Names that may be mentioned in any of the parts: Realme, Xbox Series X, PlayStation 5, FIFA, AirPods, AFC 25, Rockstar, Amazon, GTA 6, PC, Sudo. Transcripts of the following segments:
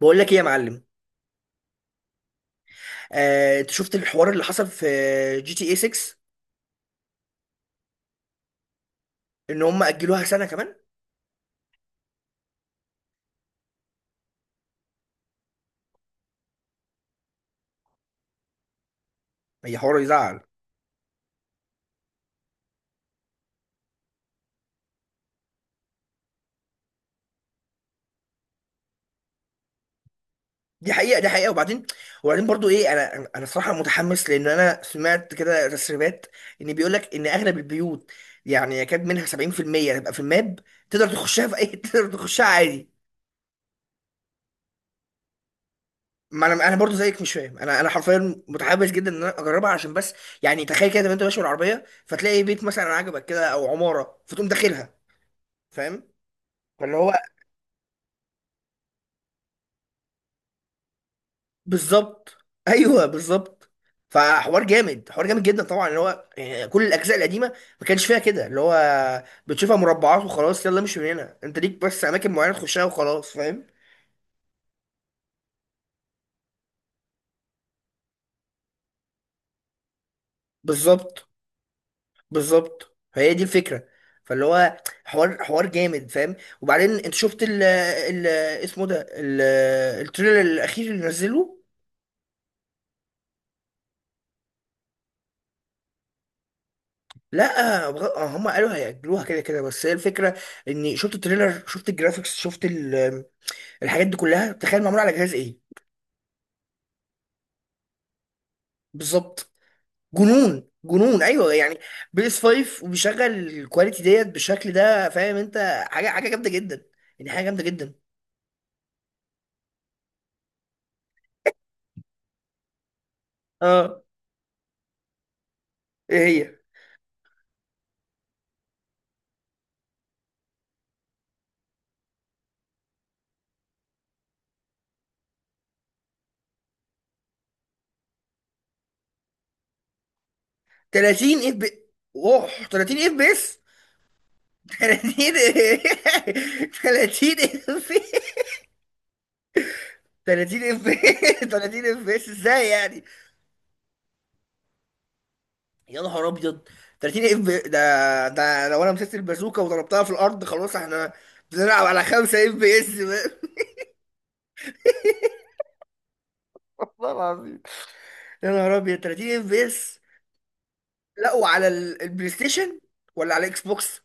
بقول لك ايه يا معلم؟ انت شفت الحوار اللي حصل في جي تي اي 6؟ ان هم اجلوها سنه كمان. هي حوار يزعل؟ دي حقيقه، دي حقيقه. وبعدين وبعدين برضو ايه، انا صراحه متحمس لان انا سمعت كده تسريبات ان بيقول لك ان اغلب البيوت يعني يكاد منها 70% تبقى في الماب، تقدر تخشها في اي تقدر تخشها عادي. ما انا برضو زيك مش فاهم، انا حرفيا متحمس جدا ان انا اجربها عشان بس يعني تخيل كده لما انت ماشي بالعربيه فتلاقي بيت مثلا عجبك كده او عماره فتقوم داخلها، فاهم؟ فاللي هو بالظبط، ايوه بالظبط. فحوار جامد، حوار جامد جدا طبعا، اللي هو يعني كل الاجزاء القديمه ما كانش فيها كده، اللي هو بتشوفها مربعات وخلاص، يلا مش من هنا، انت ليك بس اماكن معينه تخشها وخلاص، فاهم؟ بالظبط بالظبط، فهي دي الفكره. فاللي هو حوار، حوار جامد، فاهم؟ وبعدين انت شفت ال اسمه ده التريلر الاخير اللي نزله. لا، هم قالوا هيأجلوها كده كده، بس هي الفكره اني شفت التريلر، شفت الجرافيكس، شفت ال الحاجات دي كلها، تخيل معموله على جهاز ايه؟ بالظبط. جنون، جنون، ايوه يعني. بي اس 5 وبيشغل الكواليتي ديت بالشكل ده، فاهم انت؟ حاجه، حاجه جامده جدا، يعني حاجه جامده جدا. اه، ايه هي؟ 30 اف بي، اوه 30 اف بي اس؟ 30؟ 30 اف 30 اف 30 اف بي اس ازاي يعني؟ يا نهار ابيض، 30 اف بي، ده ده لو انا مسكت البازوكه وضربتها في الارض خلاص احنا بنلعب على 5 اف بي اس. والله العظيم، يا نهار ابيض، 30 اف بي اس لا وعلى البلاي ستيشن ولا على الاكس بوكس؟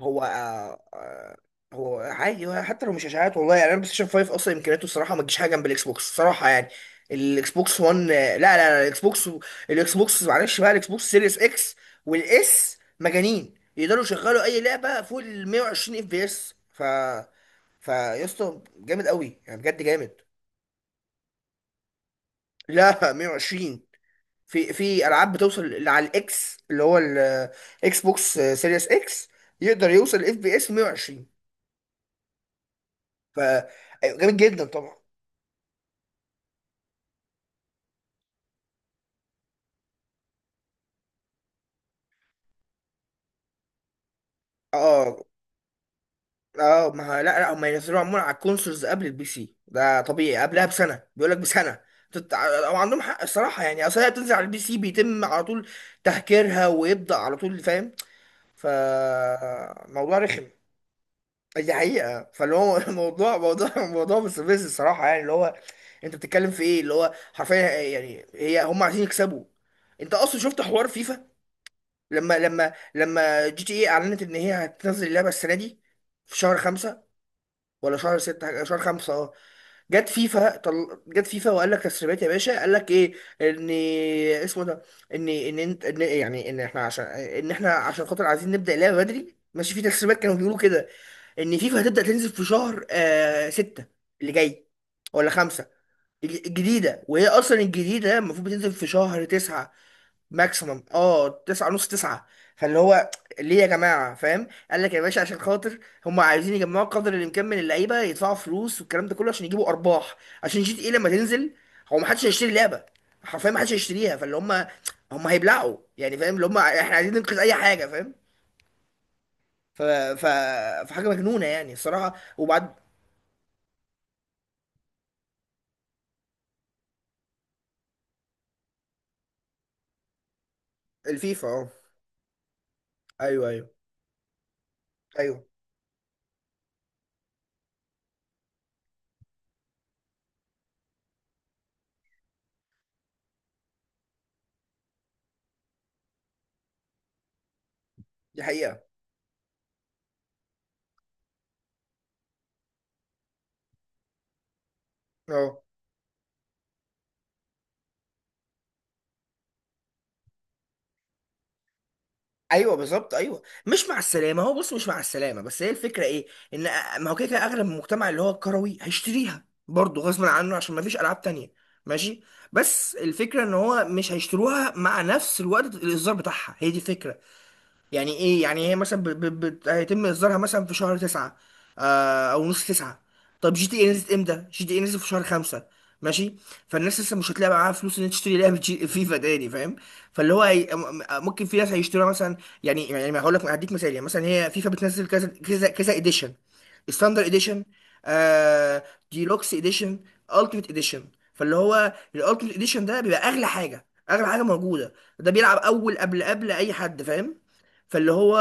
هو آه. هو عادي، هو حتى لو مش اشاعات والله يعني، انا بلاي ستيشن 5 اصلا امكانياته الصراحه ما تجيش حاجه جنب الاكس بوكس الصراحه يعني. الاكس بوكس 1، لا، الاكس بوكس الاكس بوكس معلش بقى، الاكس بوكس سيريس اكس والاس مجانين، يقدروا يشغلوا اي لعبه فوق ال 120 اف بي اس. ف فيا اسطى جامد قوي، يعني بجد جامد. لا 120، في في العاب بتوصل اللي على الاكس اللي هو الاكس بوكس سيريس اكس، يقدر يوصل اف بي اس 120. ف جامد جدا طبعا. اه اه، ما لا، هم ينزلوا عموما على الكونسولز قبل البي سي، ده طبيعي، قبلها بسنه، بيقول لك بسنه. او عندهم حق الصراحه يعني، اصل هي بتنزل على البي سي بيتم على طول تهكيرها ويبدا على طول، فاهم؟ فموضوع رخم. دي حقيقة، فاللي هو موضوع، موضوع، موضوع مستفز الصراحة، يعني اللي هو انت بتتكلم في ايه؟ اللي هو حرفيا يعني هي هم عايزين يكسبوا. انت اصلا شفت حوار فيفا؟ لما جي تي ايه اعلنت ان هي هتنزل اللعبة السنة دي في شهر خمسة، ولا شهر ستة، شهر خمسة اه. جت فيفا، جت فيفا وقال لك تسريبات يا باشا، قال لك ايه؟ ان اسمه ده، ان انت ان يعني ان احنا عشان، ان احنا عشان خاطر عايزين نبدأ اللعبة بدري، ماشي، في تسريبات كانوا بيقولوا كده ان فيفا هتبدأ تنزل في شهر ستة اللي جاي، ولا خمسة. الجديدة، وهي اصلا الجديدة المفروض بتنزل في شهر تسعة، ماكسيمم اه تسعة نص تسعة. فاللي هو ليه يا جماعة، فاهم؟ قال لك يا باشا عشان خاطر هم عايزين يجمعوا قدر الامكان من اللعيبة يدفعوا فلوس والكلام ده كله عشان يجيبوا ارباح، عشان جي تي ايه لما تنزل هو محدش هيشتري اللعبة، حرفيا محدش هيشتريها، فاللي هم هم هيبلعوا يعني، فاهم؟ اللي هم احنا عايزين ننقذ اي حاجة، فاهم؟ ف... ف... فحاجة مجنونة يعني الصراحة، وبعد. الفيفا اه، ايوه ايوه ايوه. دي حقيقة. اه ايوه بالظبط، ايوه مش مع السلامه، هو بص مش مع السلامه، بس هي الفكره ايه، ما هو كده كده اغلب المجتمع اللي هو الكروي هيشتريها برضه غصب عنه عشان ما فيش العاب تانية، ماشي، بس الفكره ان هو مش هيشتروها مع نفس الوقت الاصدار بتاعها، هي دي الفكره. يعني ايه يعني، هي مثلا هيتم اصدارها مثلا في شهر تسعة، او نص تسعة. طب جي تي ايه نزلت امتى؟ جي تي ايه نزلت في شهر خمسة، ماشي، فالناس لسه مش هتلاقي معاها فلوس ان هي تشتري لعبه فيفا تاني، فاهم؟ فاللي هو هي... ممكن في ناس هيشتروها مثلا، يعني يعني هقول لك هديك مثال، يعني مثلا هي فيفا بتنزل كذا كذا كذا اديشن، ستاندر اديشن، آه ديلوكس اديشن، التيميت اديشن. فاللي هو الالتيميت اديشن ده بيبقى اغلى حاجه، اغلى حاجه موجوده، ده بيلعب اول قبل قبل اي حد، فاهم؟ فاللي هو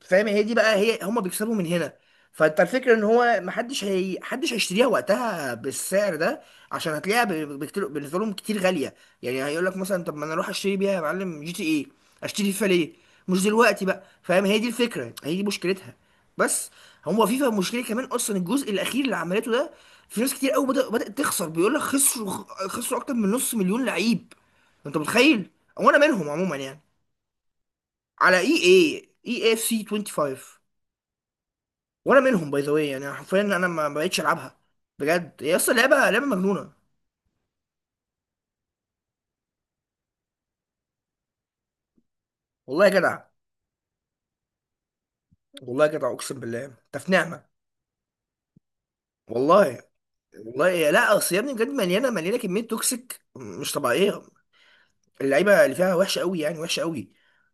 فاهم، هي دي بقى، هي هما بيكسبوا من هنا. فانت الفكره ان هو محدش، هي محدش هيشتريها وقتها بالسعر ده عشان هتلاقيها بكتير، بالنسبه لهم كتير غاليه، يعني هيقول لك مثلا طب ما انا اروح اشتري بيها يا معلم جي تي ايه، اشتري فيفا ليه مش دلوقتي بقى، فاهم؟ هي دي الفكره، هي دي مشكلتها بس. هو فيفا مشكله كمان اصلا الجزء الاخير اللي عملته ده، في ناس كتير قوي بدأ بدأت تخسر، بيقول لك خسروا، خسروا اكتر من نص مليون لعيب، انت متخيل؟ وانا منهم عموما يعني، على اي اي اي اف سي 25. وانا منهم باي ذا واي، يعني حرفيا انا ما بقتش العبها بجد، هي اصلا لعبه، لعبه مجنونه. والله يا جدع، والله يا جدع اقسم بالله انت في نعمه، والله. والله لا، اصل يا ابني بجد مليانه، مليانه كميه توكسيك مش طبيعيه، اللعيبه اللي فيها وحشه قوي يعني، وحشه قوي.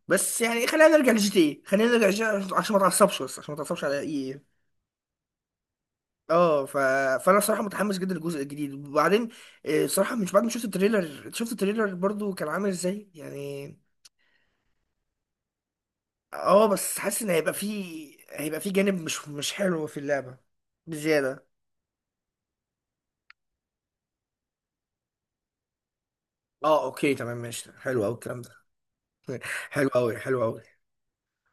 بس يعني خلينا نرجع لجي تي ايه، خلينا نرجع لجي تي إيه عشان ما تعصبش، بس عشان ما تعصبش على ايه. اه ف... فانا صراحه متحمس جدا للجزء الجديد. وبعدين صراحه مش بعد ما شفت التريلر، شفت التريلر برضو كان عامل ازاي يعني؟ اه بس حاسس ان هيبقى فيه، هيبقى فيه جانب مش، مش حلو في اللعبة بزيادة. اه اوكي تمام ماشي، حلو قوي الكلام ده. حلو قوي، حلو قوي،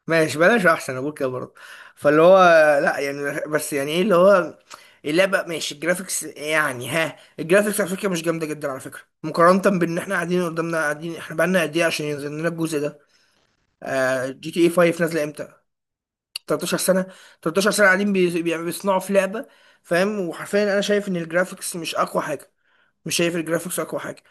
ماشي بلاش، احسن ابوك كده برضه. فاللي هو لا يعني بس يعني ايه اللي هو، اللعبة ماشي، الجرافيكس يعني ها، الجرافيكس على فكرة مش جامدة جدا على فكرة، مقارنة بان احنا قاعدين قدامنا، قاعدين احنا بقالنا قد ايه عشان ينزل لنا الجزء ده؟ آه جي تي اي 5 نازلة امتى؟ 13 سنه، 13 سنه قاعدين بيصنعوا في لعبه، فاهم؟ وحرفيا انا شايف ان الجرافيكس مش اقوى حاجه، مش شايف الجرافيكس اقوى حاجه.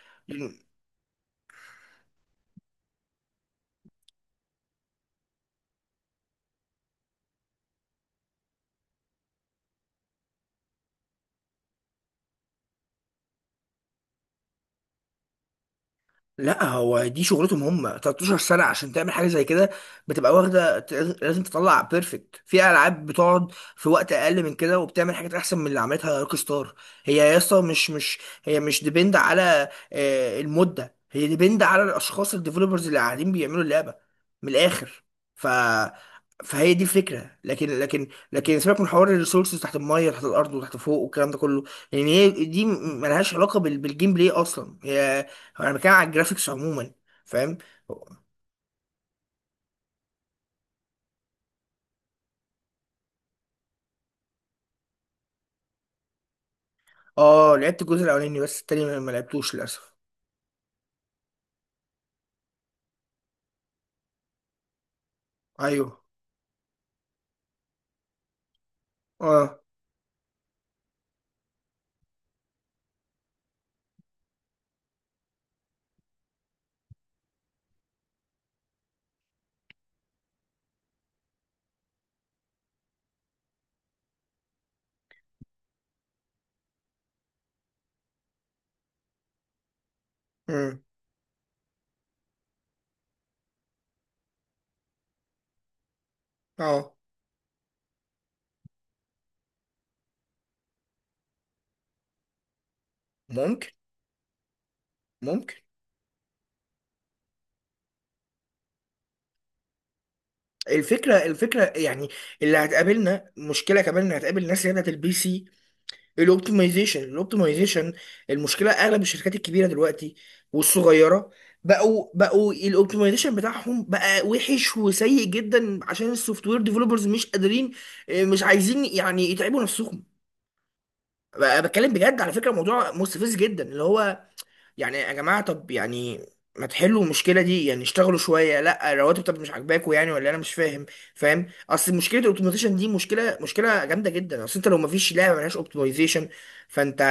لا هو دي شغلتهم هم، 13 سنة عشان تعمل حاجة زي كده بتبقى واخدة لازم تطلع بيرفكت. في ألعاب بتقعد في وقت أقل من كده وبتعمل حاجات أحسن من اللي عملتها روك ستار. هي يا اسطى مش، مش هي مش ديبند على المدة، هي ديبند على الأشخاص الديفلوبرز اللي قاعدين بيعملوا اللعبة، من الآخر. ف فهي دي الفكرة. لكن لكن لكن سيبك من حوار الريسورسز تحت المية تحت الأرض وتحت فوق والكلام ده كله، لأن هي دي ملهاش علاقة بالجيم بلاي أصلا هي. انا بتكلم على الجرافيكس عموما، فاهم؟ اه لعبت الجزء الاولاني بس التاني ما لعبتوش للاسف. ايوه اه. امم اه. ممكن، ممكن. الفكره، الفكره يعني اللي هتقابلنا مشكله كمان، ان هتقابل ناس اللي هي بتاعت البي سي، الاوبتمايزيشن، الاوبتمايزيشن. المشكله اغلب الشركات الكبيره دلوقتي والصغيره، بقوا الاوبتمايزيشن بتاعهم بقى وحش وسيء جدا عشان السوفت وير ديفلوبرز مش قادرين، مش عايزين يعني يتعبوا نفسهم. بقى بتكلم بجد على فكره، موضوع مستفز جدا اللي هو يعني يا جماعه طب يعني ما تحلوا المشكله دي يعني، اشتغلوا شويه، لا الرواتب طب مش عاجباكوا يعني، ولا انا مش فاهم، فاهم؟ اصل مشكله الاوبتمايزيشن دي مشكله، مشكله جامده جدا، اصل انت لو ما فيش لعبه ملهاش اوبتمايزيشن فانت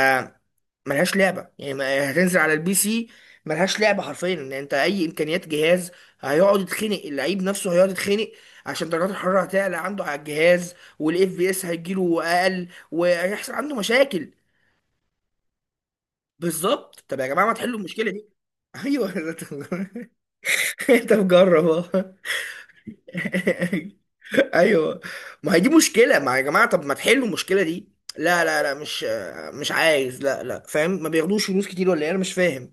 ملهاش لعبه يعني، ما يعني هتنزل على البي سي ملهاش لعبه حرفيا، ان انت اي امكانيات جهاز هيقعد يتخنق، اللعيب نفسه هيقعد يتخنق عشان درجات الحراره هتعلى عنده على الجهاز، والاف بي اس هيجيله اقل وهيحصل عنده مشاكل. بالظبط، طب يا جماعه ما تحلوا المشكله دي. ايوه انت مجرب اهو. ايوه، ما هي دي مشكله، ما يا جماعه طب ما تحلوا المشكله دي. لا، مش، مش عايز لا لا، فاهم ما بياخدوش فلوس كتير ولا ايه، انا مش فاهم.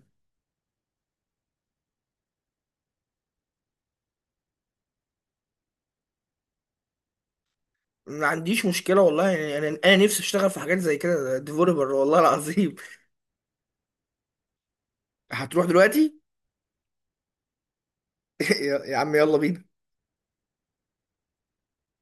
ما عنديش مشكله والله يعني، انا نفسي اشتغل في حاجات زي كده ديفلوبر والله العظيم. هتروح دلوقتي؟ يا عم يلا بينا.